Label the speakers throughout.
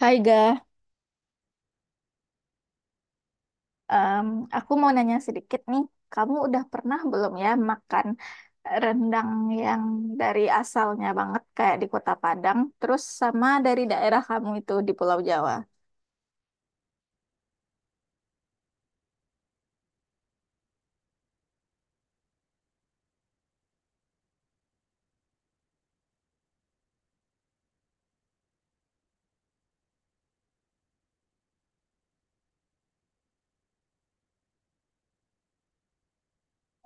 Speaker 1: Hai Ga, Em, aku mau nanya sedikit nih. Kamu udah pernah belum ya makan rendang yang dari asalnya banget kayak di Kota Padang, terus sama dari daerah kamu itu di Pulau Jawa?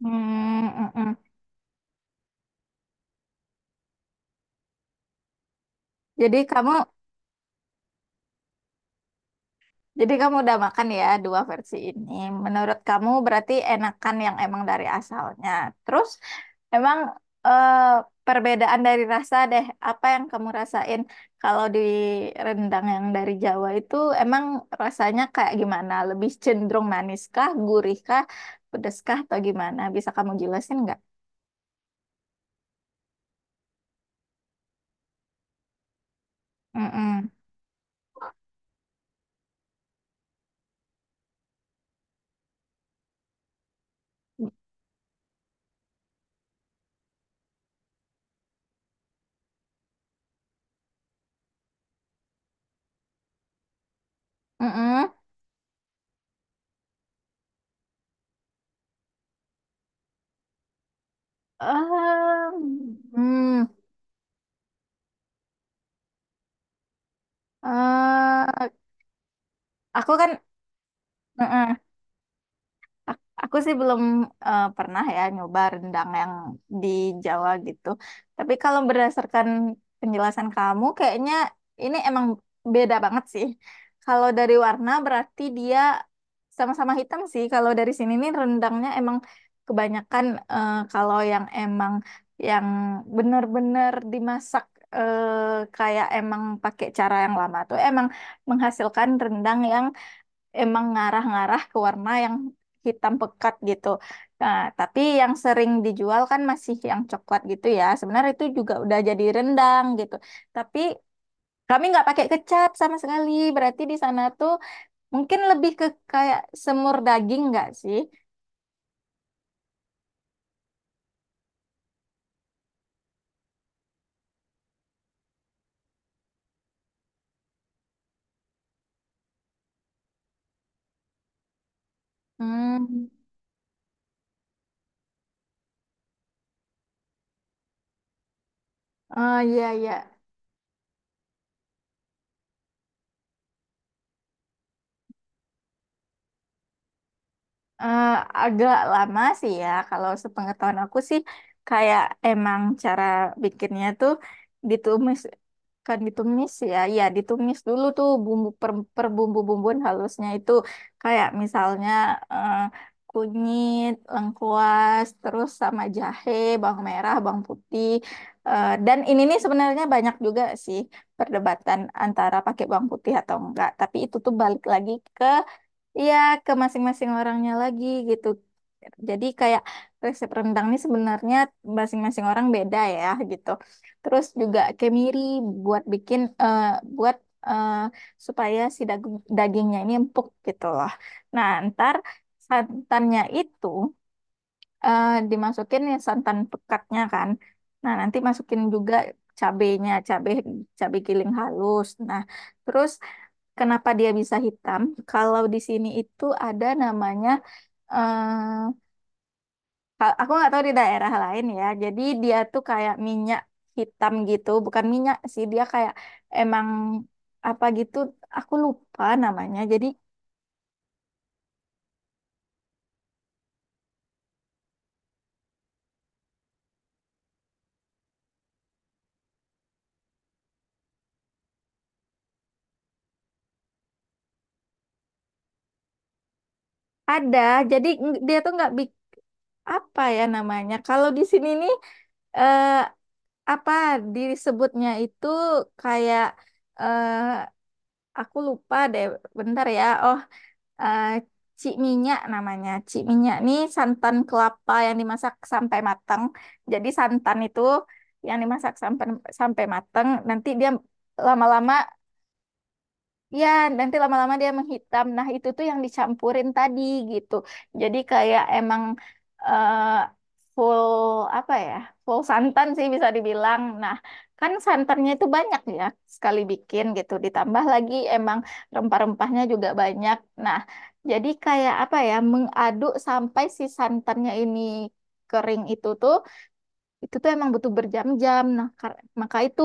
Speaker 1: Hmm, mm, mm. Jadi kamu Jadi kamu udah makan ya dua versi ini. Menurut kamu berarti enakan yang emang dari asalnya. Terus emang eh, perbedaan dari rasa deh, apa yang kamu rasain kalau di rendang yang dari Jawa itu emang rasanya kayak gimana? Lebih cenderung maniskah, gurihkah, pedeskah atau gimana? Bisa kamu jelasin nggak? Mm-mm. Mm-mm. Em, hmm. Eh, aku kan, Mm-mm. Aku sih belum pernah ya nyoba rendang yang di Jawa gitu. Tapi kalau berdasarkan penjelasan kamu, kayaknya ini emang beda banget sih. Kalau dari warna berarti dia sama-sama hitam sih. Kalau dari sini nih rendangnya emang kebanyakan kalau yang emang yang benar-benar dimasak eh, kayak emang pakai cara yang lama tuh emang menghasilkan rendang yang emang ngarah-ngarah ke warna yang hitam pekat gitu. Nah, tapi yang sering dijual kan masih yang coklat gitu ya. Sebenarnya itu juga udah jadi rendang gitu. Tapi kami nggak pakai kecap sama sekali. Berarti di sana tuh mungkin lebih ke kayak semur daging nggak sih? Hmm. Oh iya iya. Eh, agak lama sih ya. Kalau sepengetahuan aku sih kayak emang cara bikinnya tuh ditumis kan ditumis ya. Ya, ditumis dulu tuh bumbu per, per bumbu-bumbuan halusnya itu kayak misalnya eh, kunyit, lengkuas, terus sama jahe, bawang merah, bawang putih. Eh, dan ini nih sebenarnya banyak juga sih perdebatan antara pakai bawang putih atau enggak. Tapi itu tuh balik lagi ke Iya, ke masing-masing orangnya lagi gitu. Jadi kayak resep rendang ini sebenarnya masing-masing orang beda ya gitu. Terus juga kemiri buat bikin buat eh, supaya si dagingnya ini empuk gitu loh. Nah, ntar santannya itu eh, dimasukin ya santan pekatnya kan. Nah, nanti masukin juga cabenya, cabe cabe giling halus. Nah, terus kenapa dia bisa hitam? Kalau di sini itu ada namanya, eh, aku nggak tahu di daerah lain ya. Jadi dia tuh kayak minyak hitam gitu, bukan minyak sih, dia kayak emang apa gitu. Aku lupa namanya. Jadi ada, jadi dia tuh nggak bik apa ya namanya. Kalau di sini nih eh, apa disebutnya itu kayak eh, aku lupa deh. Bentar ya. Oh. eh cik minyak namanya. Cik minyak nih santan kelapa yang dimasak sampai matang. Jadi santan itu yang dimasak sampai sampai matang, nanti dia lama-lama. Ya, nanti lama-lama dia menghitam. Nah, itu tuh yang dicampurin tadi gitu. Jadi kayak emang eh, full apa ya? Full santan sih bisa dibilang. Nah, kan santannya itu banyak ya sekali bikin gitu. Ditambah lagi emang rempah-rempahnya juga banyak. Nah, jadi kayak apa ya? Mengaduk sampai si santannya ini kering itu tuh emang butuh berjam-jam. Nah, maka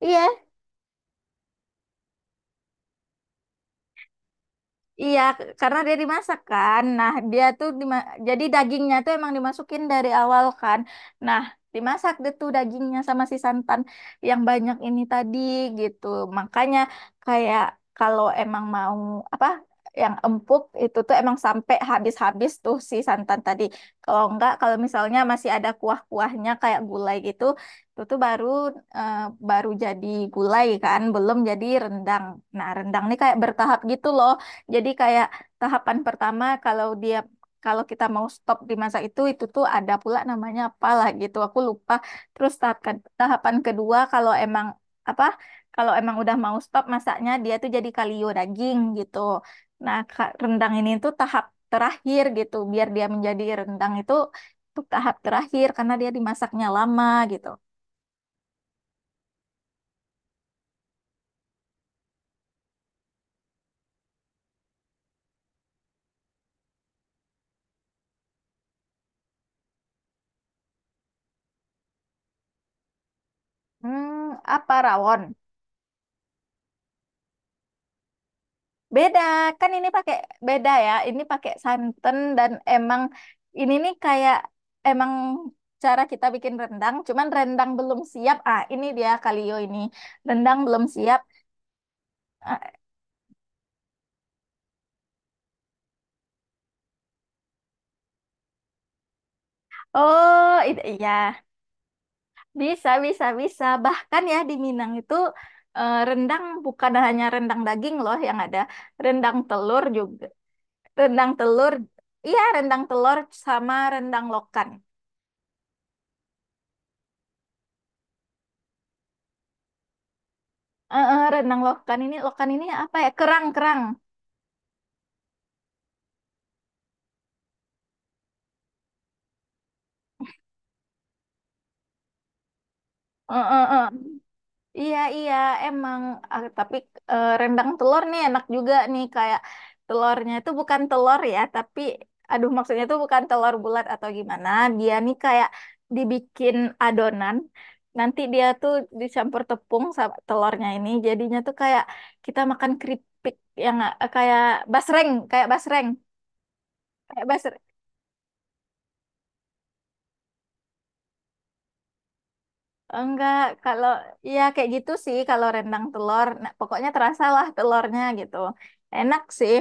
Speaker 1: Iya, iya, karena dia dimasak kan. Nah, dia tuh jadi dagingnya tuh emang dimasukin dari awal kan. Nah, dimasak deh tuh dagingnya sama si santan yang banyak ini tadi gitu. Makanya kayak kalau emang mau apa yang empuk itu tuh emang sampai habis-habis tuh si santan tadi. Kalau enggak, kalau misalnya masih ada kuah-kuahnya kayak gulai gitu, itu tuh baru eh, baru jadi gulai kan, belum jadi rendang. Nah, rendang nih kayak bertahap gitu loh. Jadi kayak tahapan pertama kalau dia kalau kita mau stop di masa itu tuh ada pula namanya apalah gitu. Aku lupa. Terus tahapan kedua kalau emang apa? Kalau emang udah mau stop masaknya dia tuh jadi kalio daging gitu. Nah, rendang ini tuh tahap terakhir gitu. Biar dia menjadi rendang itu tuh tahap terakhir karena dia dimasaknya lama gitu. Hmm, apa rawon? Beda, kan ini pakai beda ya. Ini pakai santan dan emang ini nih kayak emang cara kita bikin rendang, cuman rendang belum siap. Ah, ini dia kalio ini. Rendang belum siap. Ah, iya. Bisa, bisa, bisa. Bahkan ya di Minang itu rendang bukan hanya rendang daging loh yang ada, rendang telur juga. Rendang telur, iya rendang telur sama rendang lokan. Rendang lokan ini apa ya? Kerang-kerang. Eh, eh, eh. Iya, iya, emang. Ah, tapi rendang telur nih enak juga nih. Kayak telurnya itu bukan telur ya, tapi aduh maksudnya itu bukan telur bulat atau gimana. Dia nih kayak dibikin adonan. Nanti dia tuh dicampur tepung sama telurnya ini. Jadinya tuh kayak kita makan keripik yang kayak basreng, kayak basreng. Kayak basreng. Oh, enggak, kalau ya kayak gitu sih kalau rendang telur. Nah, pokoknya terasa lah telurnya gitu. Enak sih,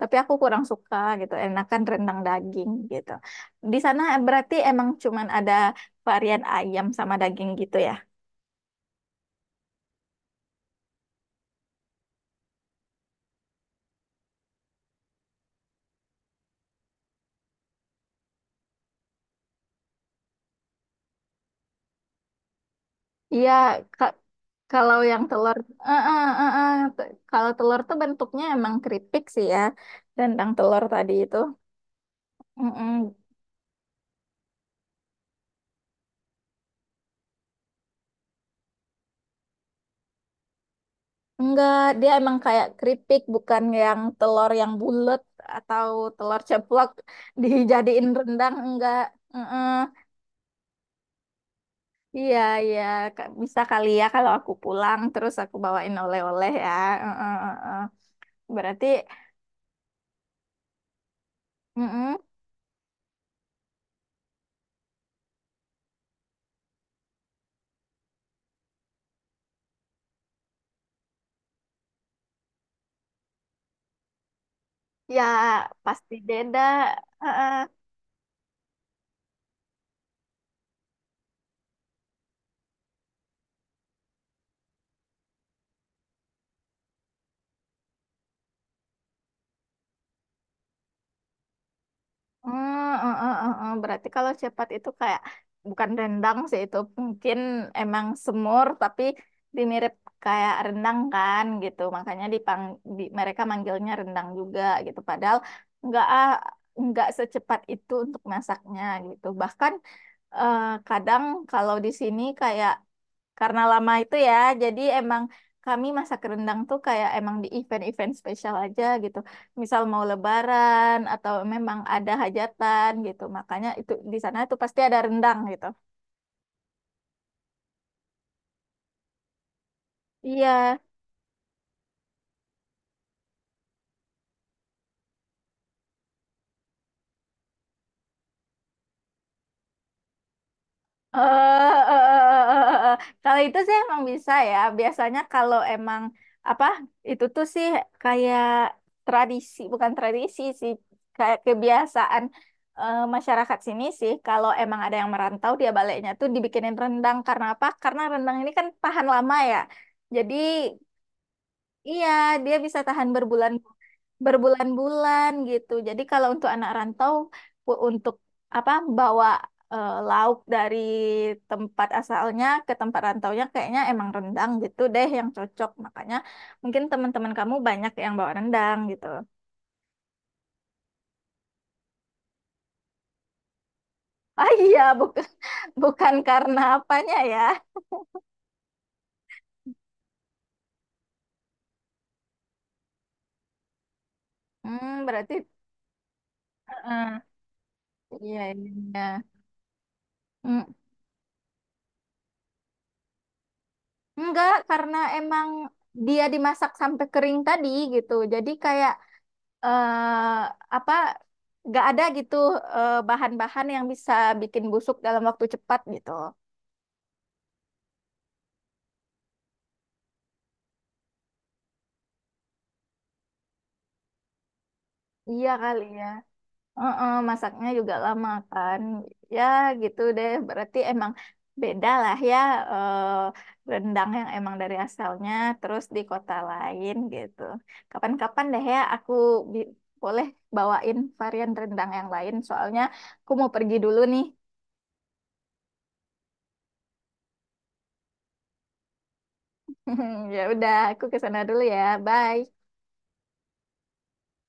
Speaker 1: tapi aku kurang suka gitu. Enakan rendang daging gitu. Di sana berarti emang cuman ada varian ayam sama daging gitu ya? Iya, ka- kalau yang telur, eh, eh, eh, eh. Kalau telur tuh bentuknya emang keripik sih ya, rendang telur tadi itu. Mm-mm, enggak, dia emang kayak keripik, bukan yang telur yang bulat atau telur ceplok dijadiin rendang, enggak. Heeh. Iya, iya, bisa kali ya kalau aku pulang terus aku bawain oleh-oleh ya. Heeh, heeh. Berarti, heeh, ya pasti beda. Heeh. Hmm, eh, eh, eh, eh. Berarti kalau cepat itu kayak bukan rendang sih itu mungkin emang semur tapi dimirip kayak rendang kan gitu makanya mereka manggilnya rendang juga gitu padahal nggak ah, nggak secepat itu untuk masaknya gitu bahkan eh, kadang kalau di sini kayak karena lama itu ya, jadi emang kami masak rendang tuh kayak emang di event-event spesial aja gitu. Misal mau lebaran atau memang ada hajatan gitu. Makanya itu di sana tuh pasti ada rendang gitu. Iya, eh, eh, eh, eh, eh, eh. eh, eh. Kalau itu sih emang bisa ya. Biasanya kalau emang apa itu tuh sih kayak tradisi, bukan tradisi sih, kayak kebiasaan masyarakat sini sih. Kalau emang ada yang merantau, dia baliknya tuh dibikinin rendang. Karena apa? Karena rendang ini kan tahan lama ya. Jadi Iya, dia bisa tahan berbulan-bulan gitu. Jadi kalau untuk anak rantau untuk apa bawa lauk dari tempat asalnya ke tempat rantaunya kayaknya emang rendang gitu deh yang cocok. Makanya mungkin teman-teman kamu banyak yang bawa rendang gitu. Ah iya, bukan bukan karena apanya ya. Hmm, berarti eh, iya iya. iya. Mm, enggak, karena emang dia dimasak sampai kering tadi gitu. Jadi kayak eh apa nggak ada gitu bahan-bahan yang bisa bikin busuk dalam waktu cepat gitu. Iya kali ya. Heeh, masaknya juga lama kan. Ya gitu deh. Berarti emang beda lah ya eh, rendang yang emang dari asalnya terus di kota lain gitu. Kapan-kapan deh ya aku bi- boleh bawain varian rendang yang lain. Soalnya aku mau pergi dulu nih. Ya udah, aku ke sana dulu ya. Bye.